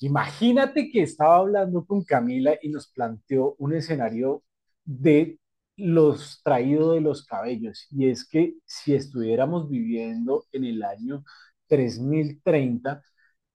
Imagínate que estaba hablando con Camila y nos planteó un escenario de los traídos de los cabellos. Y es que si estuviéramos viviendo en el año 3030,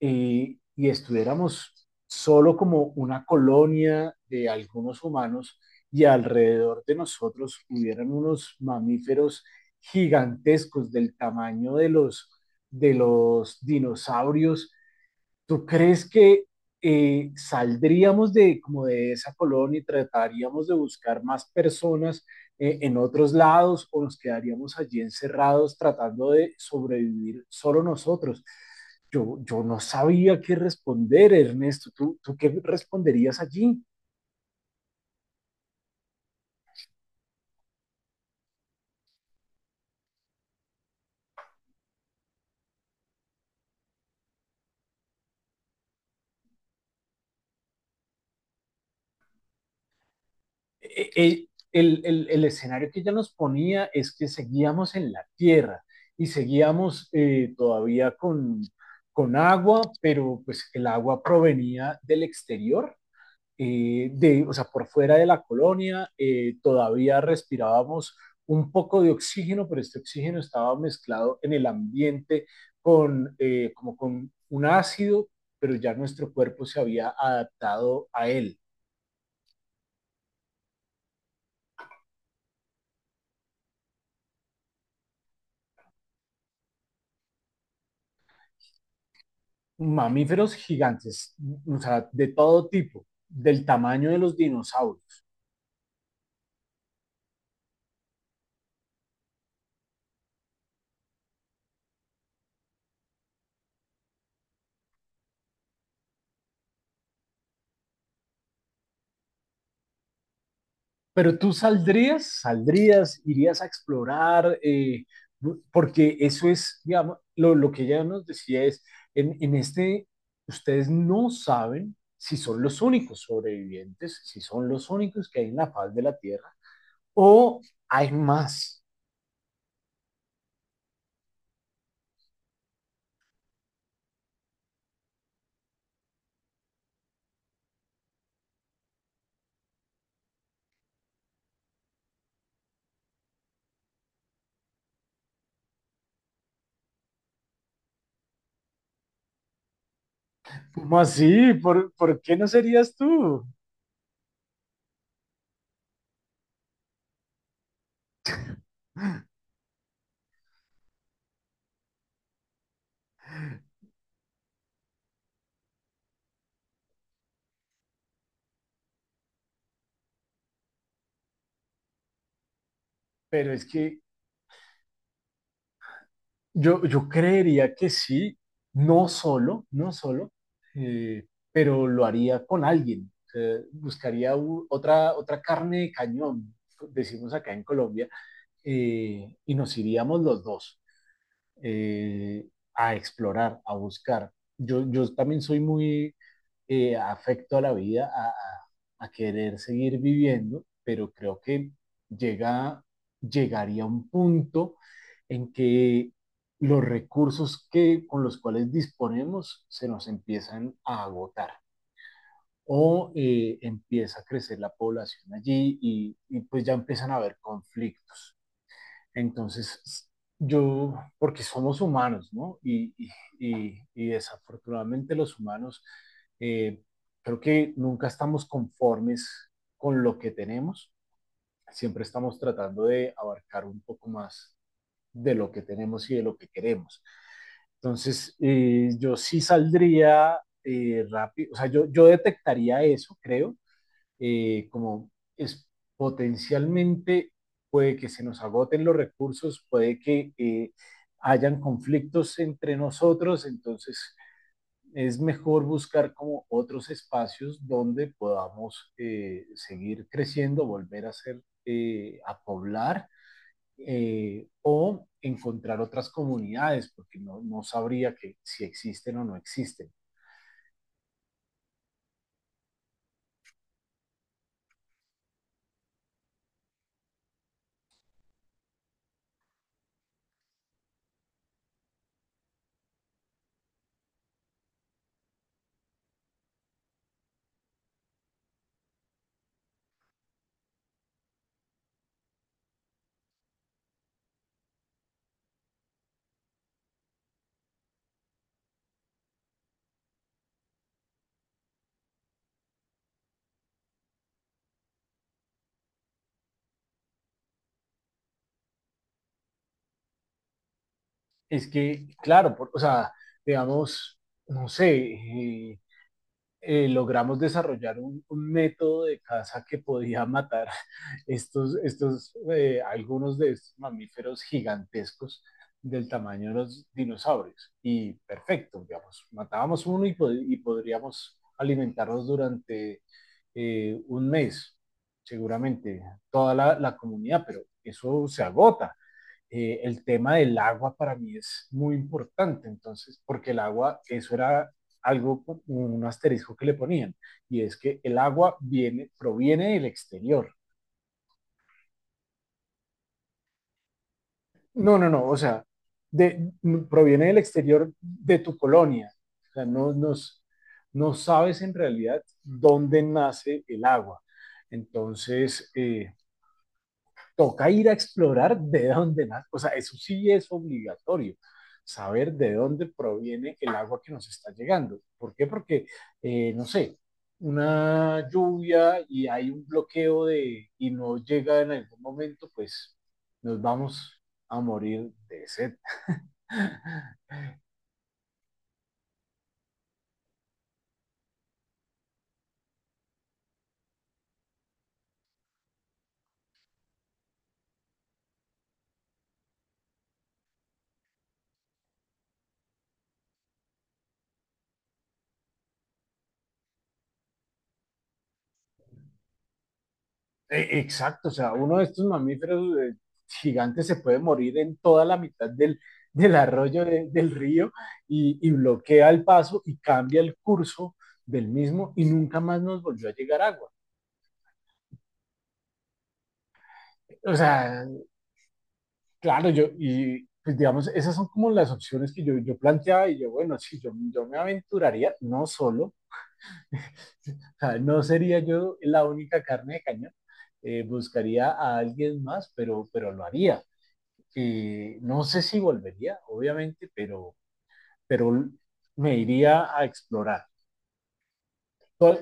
y estuviéramos solo como una colonia de algunos humanos y alrededor de nosotros hubieran unos mamíferos gigantescos del tamaño de los dinosaurios. ¿Tú crees que saldríamos de, como de esa colonia, y trataríamos de buscar más personas en otros lados, o nos quedaríamos allí encerrados tratando de sobrevivir solo nosotros? Yo no sabía qué responder, Ernesto. ¿Tú qué responderías allí? El escenario que ella nos ponía es que seguíamos en la Tierra y seguíamos todavía con agua, pero pues el agua provenía del exterior. O sea, por fuera de la colonia. Todavía respirábamos un poco de oxígeno, pero este oxígeno estaba mezclado en el ambiente como con un ácido, pero ya nuestro cuerpo se había adaptado a él. Mamíferos gigantes, o sea, de todo tipo, del tamaño de los dinosaurios. Pero tú saldrías, irías a explorar, porque eso es, digamos, lo que ella nos decía es, en este, ustedes no saben si son los únicos sobrevivientes, si son los únicos que hay en la faz de la Tierra, o hay más. ¿Cómo así? ¿Por qué no serías tú? Pero es que yo creería que sí, no solo, eh, pero lo haría con alguien. O sea, buscaría otra carne de cañón, decimos acá en Colombia, y nos iríamos los dos, eh, a explorar, a buscar. Yo también soy muy, afecto a la vida, querer seguir viviendo, pero creo que llega, llegaría un punto en que los recursos que, con los cuales disponemos, se nos empiezan a agotar, o empieza a crecer la población allí, y pues ya empiezan a haber conflictos. Entonces, porque somos humanos, ¿no? Y- Desafortunadamente los humanos, eh, creo que nunca estamos conformes con lo que tenemos, siempre estamos tratando de abarcar un poco más de lo que tenemos y de lo que queremos. Entonces, yo sí saldría, rápido. O sea, yo detectaría eso, creo, como es potencialmente, puede que se nos agoten los recursos, puede que hayan conflictos entre nosotros. Entonces es mejor buscar como otros espacios donde podamos seguir creciendo, a poblar, o encontrar otras comunidades, porque no sabría que si existen o no existen. Es que, claro, o sea, digamos, no sé, logramos desarrollar un método de caza que podía matar estos, estos algunos de estos mamíferos gigantescos del tamaño de los dinosaurios. Y perfecto, digamos, matábamos uno, y podríamos alimentarlos durante un mes, seguramente, toda la comunidad, pero eso se agota. El tema del agua para mí es muy importante, entonces, porque el agua, eso era algo, un asterisco que le ponían, y es que el agua proviene del exterior. No, no, no, o sea, de, proviene del exterior de tu colonia. O sea, no sabes en realidad dónde nace el agua. Entonces, toca ir a explorar de dónde nace. O sea, eso sí es obligatorio, saber de dónde proviene el agua que nos está llegando. ¿Por qué? Porque, no sé, una lluvia y hay un bloqueo y no llega en algún momento, pues nos vamos a morir de sed. Exacto. O sea, uno de estos mamíferos gigantes se puede morir en toda la mitad del arroyo, del río, y bloquea el paso y cambia el curso del mismo, y nunca más nos volvió a llegar agua. O sea, claro, y pues digamos, esas son como las opciones que yo planteaba, bueno, sí, yo me aventuraría, no solo. O sea, no sería yo la única carne de cañón. Buscaría a alguien más, pero lo haría. Que no sé si volvería, obviamente, pero me iría a explorar. Pues,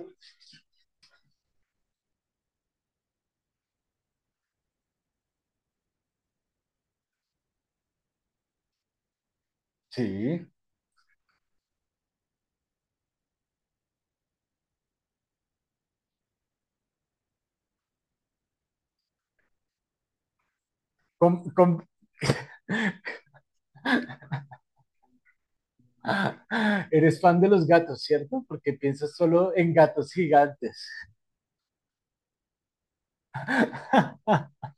sí, con. Ah, eres fan de los gatos, ¿cierto? Porque piensas solo en gatos gigantes.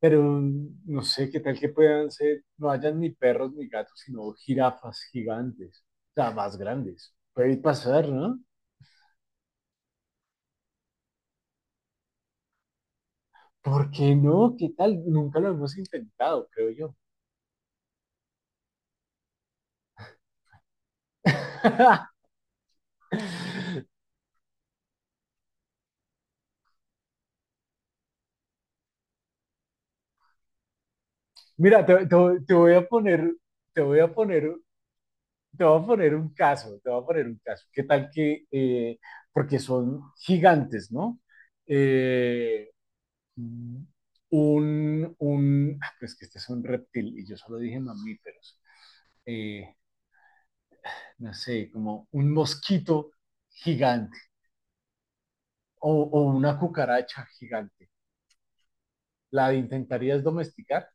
Pero no sé qué tal que puedan ser, no hayan ni perros ni gatos, sino jirafas gigantes, o sea, más grandes. Puede pasar, ¿no? ¿Por qué no? ¿Qué tal? Nunca lo hemos intentado, creo yo. Mira, te voy a poner, te voy a poner un caso. ¿Qué tal que, porque son gigantes, ¿no? Eh, pues que este es un reptil, y yo solo dije mamíferos. Eh, no sé, como un mosquito gigante, o, o una cucaracha gigante. ¿La intentarías domesticar?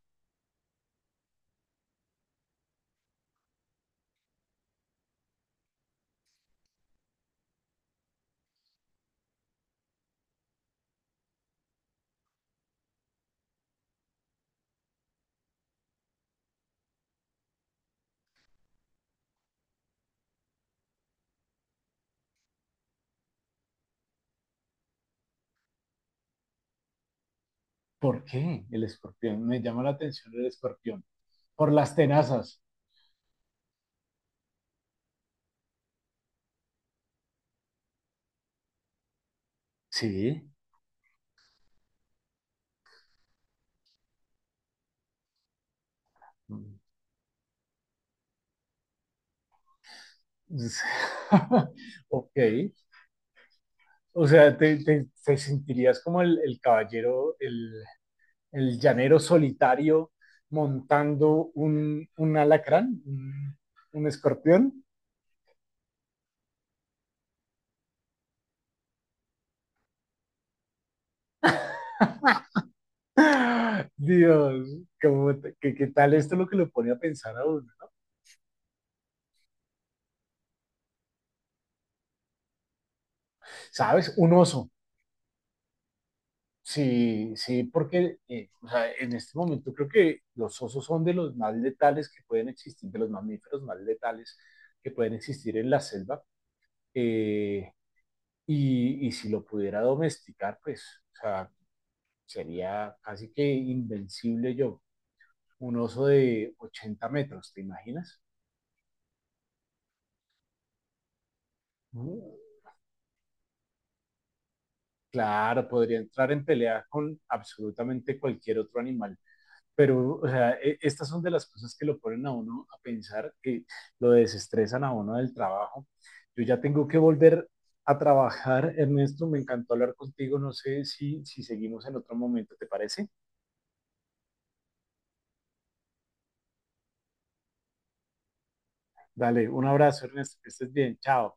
¿Por qué el escorpión? Me llama la atención el escorpión. Por las tenazas. Sí. Ok, o sea, te sentirías como el caballero, el llanero solitario, montando un alacrán, un escorpión. Dios, ¿qué tal esto lo que lo pone a pensar a uno? ¿Sabes? Un oso. Sí, sí, porque o sea, en este momento creo que los osos son de los más letales que pueden existir, de los mamíferos más letales que pueden existir en la selva, eh, y si lo pudiera domesticar, pues, o sea, sería casi que invencible yo. Un oso de 80 metros, ¿te imaginas? Uh, Claro, podría entrar en pelea con absolutamente cualquier otro animal. Pero, o sea, estas son de las cosas que lo ponen a uno a pensar, que lo desestresan a uno del trabajo. Yo ya tengo que volver a trabajar, Ernesto. Me encantó hablar contigo. No sé si seguimos en otro momento, ¿te parece? Dale, un abrazo, Ernesto, que estés bien, chao.